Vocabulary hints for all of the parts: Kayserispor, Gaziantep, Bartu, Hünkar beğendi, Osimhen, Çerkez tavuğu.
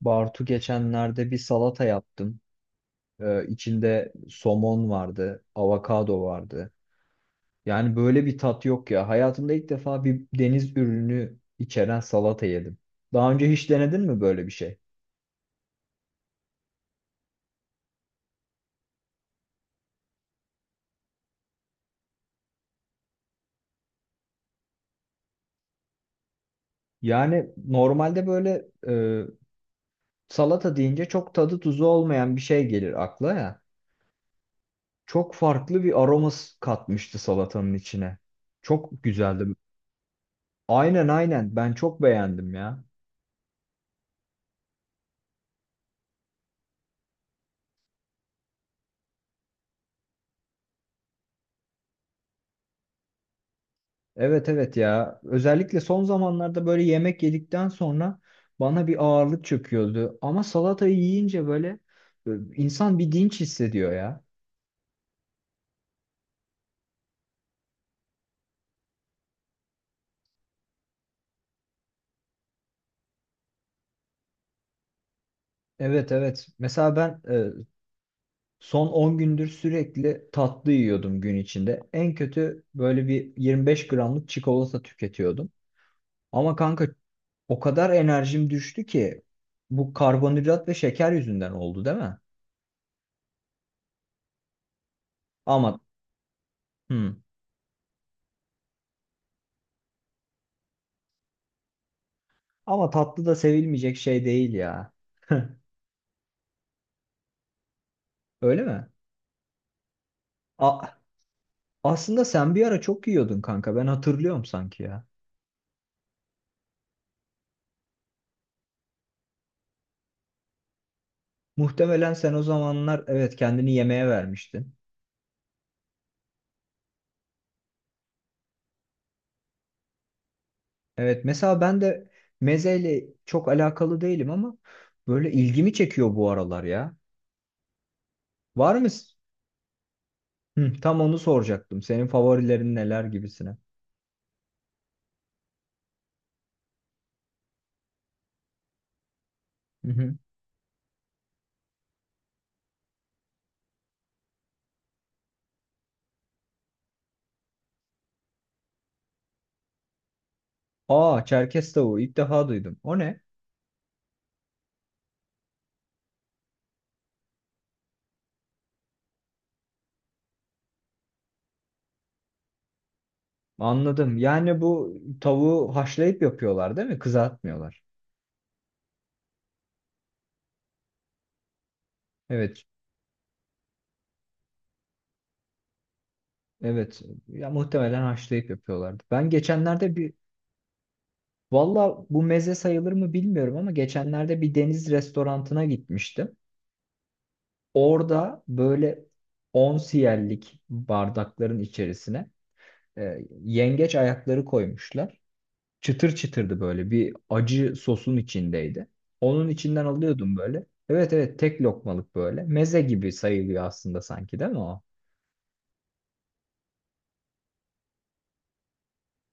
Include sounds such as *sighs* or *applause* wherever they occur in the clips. Bartu, geçenlerde bir salata yaptım. İçinde somon vardı, avokado vardı. Yani böyle bir tat yok ya. Hayatımda ilk defa bir deniz ürünü içeren salata yedim. Daha önce hiç denedin mi böyle bir şey? Yani normalde böyle salata deyince çok tadı tuzu olmayan bir şey gelir akla ya. Çok farklı bir aroması katmıştı salatanın içine. Çok güzeldi. Aynen, aynen, ben çok beğendim ya. Evet, evet, ya. Özellikle son zamanlarda böyle yemek yedikten sonra bana bir ağırlık çöküyordu. Ama salatayı yiyince böyle e, insan bir dinç hissediyor ya. Evet, evet. Mesela ben son 10 gündür sürekli tatlı yiyordum gün içinde. En kötü böyle bir 25 gramlık çikolata tüketiyordum. Ama kanka o kadar enerjim düştü ki bu karbonhidrat ve şeker yüzünden oldu değil mi? Ama hı. Ama tatlı da sevilmeyecek şey değil ya. *laughs* Öyle mi? A- Aslında sen bir ara çok yiyordun kanka. Ben hatırlıyorum sanki ya. Muhtemelen sen o zamanlar evet kendini yemeğe vermiştin. Evet, mesela ben de mezeyle çok alakalı değilim ama böyle ilgimi çekiyor bu aralar ya. Var mı? Hı, tam onu soracaktım. Senin favorilerin neler gibisine. Hı hı. Aa, Çerkez tavuğu ilk defa duydum. O ne? Anladım. Yani bu tavuğu haşlayıp yapıyorlar değil mi? Kızartmıyorlar. Evet. Evet. Ya muhtemelen haşlayıp yapıyorlardı. Ben geçenlerde bir Valla, bu meze sayılır mı bilmiyorum ama geçenlerde bir deniz restorantına gitmiştim. Orada böyle 10 siyerlik bardakların içerisine yengeç ayakları koymuşlar. Çıtır çıtırdı, böyle bir acı sosun içindeydi. Onun içinden alıyordum böyle. Evet, evet, tek lokmalık böyle. Meze gibi sayılıyor aslında sanki değil mi o?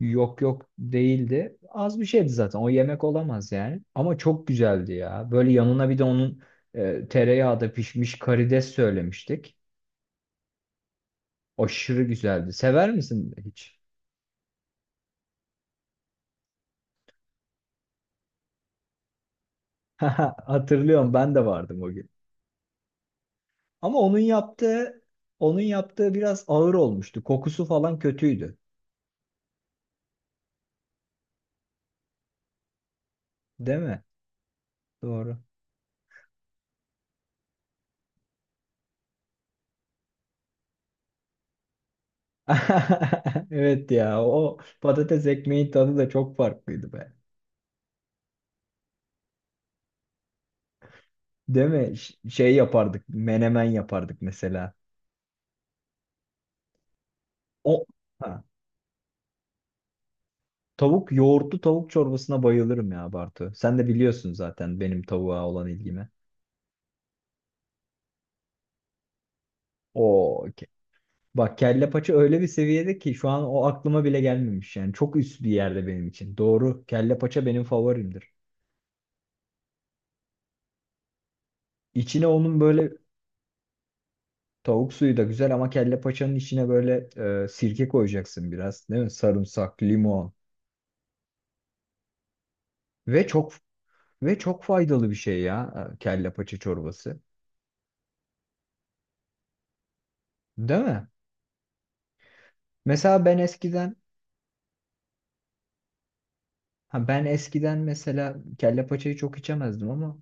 Yok, yok, değildi. Az bir şeydi zaten. O yemek olamaz yani. Ama çok güzeldi ya. Böyle yanına bir de onun tereyağda pişmiş karides söylemiştik. Aşırı güzeldi. Sever misin hiç? *laughs* Hatırlıyorum, ben de vardım o gün. Ama onun yaptığı biraz ağır olmuştu. Kokusu falan kötüydü. Değil mi? Doğru. *laughs* Evet ya, o patates ekmeğin tadı da çok farklıydı be. Değil mi? Şey yapardık, menemen yapardık mesela. O ha. Yoğurtlu tavuk çorbasına bayılırım ya Bartu. Sen de biliyorsun zaten benim tavuğa olan ilgimi. O Bak, kelle paça öyle bir seviyede ki şu an o aklıma bile gelmemiş yani. Çok üst bir yerde benim için. Doğru. Kelle paça benim favorimdir. İçine onun böyle Tavuk suyu da güzel ama kelle paçanın içine böyle sirke koyacaksın biraz, değil mi? Sarımsak, limon ve çok ve çok faydalı bir şey ya, kelle paça çorbası. Değil mi? Mesela ben eskiden Ha, ben eskiden mesela kelle paçayı çok içemezdim ama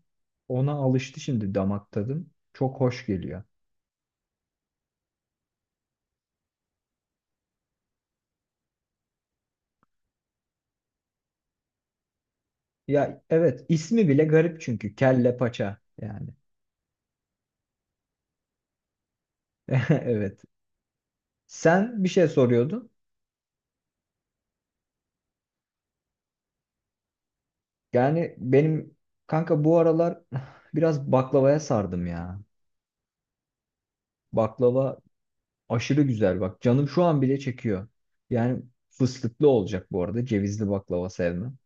ona alıştı şimdi damak tadım. Çok hoş geliyor. Ya evet, ismi bile garip çünkü kelle paça yani. *laughs* Evet. Sen bir şey soruyordun. Yani benim kanka bu aralar *sighs* biraz baklavaya sardım ya. Baklava aşırı güzel bak. Canım şu an bile çekiyor. Yani fıstıklı olacak bu arada. Cevizli baklava sevmem.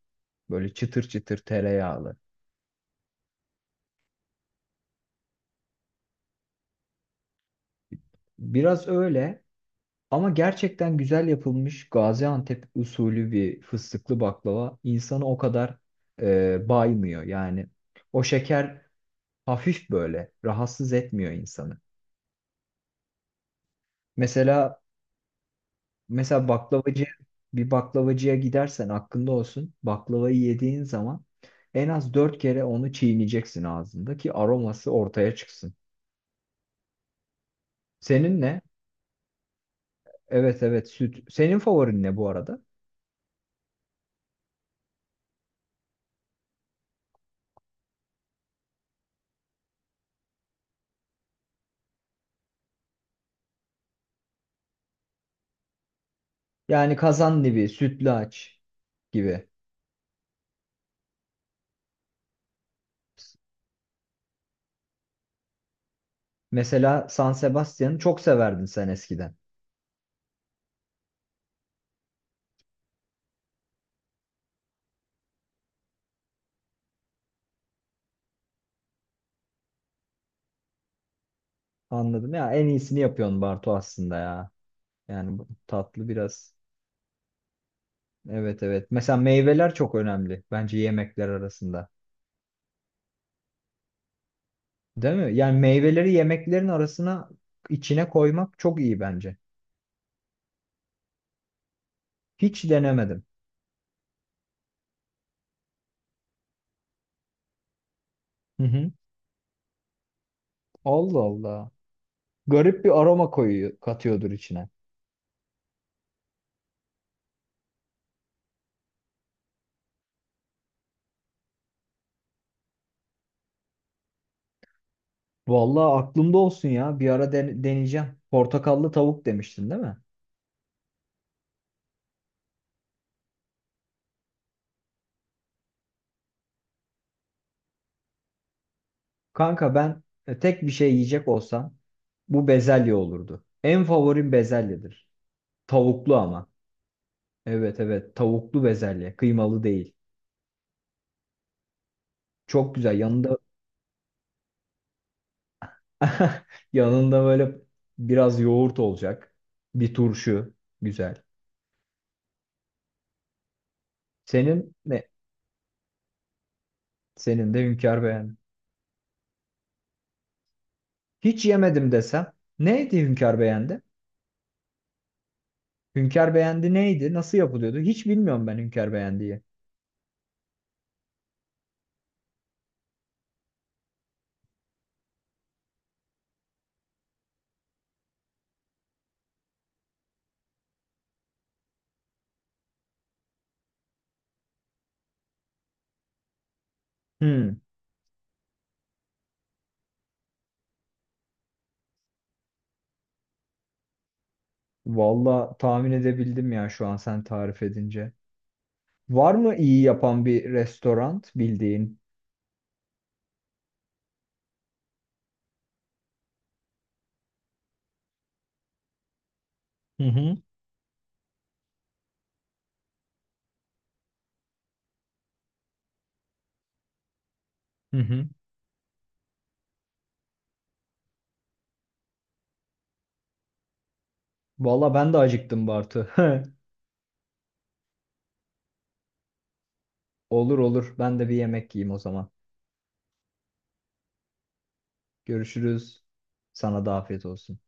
Böyle çıtır çıtır tereyağlı. Biraz öyle. Ama gerçekten güzel yapılmış Gaziantep usulü bir fıstıklı baklava insanı o kadar baymıyor. Yani o şeker hafif böyle rahatsız etmiyor insanı. Mesela mesela bir baklavacıya gidersen aklında olsun, baklavayı yediğin zaman en az 4 kere onu çiğneyeceksin ağzında ki aroması ortaya çıksın. Senin ne? Evet, evet, süt. Senin favorin ne bu arada? Yani kazandibi, sütlaç gibi. Mesela San Sebastian'ı çok severdin sen eskiden. Anladım, ya en iyisini yapıyorsun Bartu aslında ya. Yani bu tatlı biraz. Evet, evet. Mesela meyveler çok önemli bence yemekler arasında. Değil mi? Yani meyveleri yemeklerin arasına, içine koymak çok iyi bence. Hiç denemedim. Hı hı. Allah Allah. Garip bir aroma koyuyor, katıyordur içine. Vallahi aklımda olsun ya. Bir ara deneyeceğim. Portakallı tavuk demiştin değil mi? Kanka ben tek bir şey yiyecek olsam bu bezelye olurdu. En favorim bezelyedir. Tavuklu ama. Evet, evet, tavuklu bezelye. Kıymalı değil. Çok güzel. Yanında *laughs* yanında böyle biraz yoğurt olacak. Bir turşu. Güzel. Senin ne? Senin de Hünkar Beğendi. Hiç yemedim desem. Neydi Hünkar Beğendi? Hünkar Beğendi neydi? Nasıl yapılıyordu? Hiç bilmiyorum ben Hünkar Beğendiği. Hmm. Valla tahmin edebildim ya şu an sen tarif edince. Var mı iyi yapan bir restoran bildiğin? Hı hı. Hı hı. Valla ben de acıktım Bartu. *laughs* Olur, olur. Ben de bir yemek yiyeyim o zaman. Görüşürüz. Sana da afiyet olsun.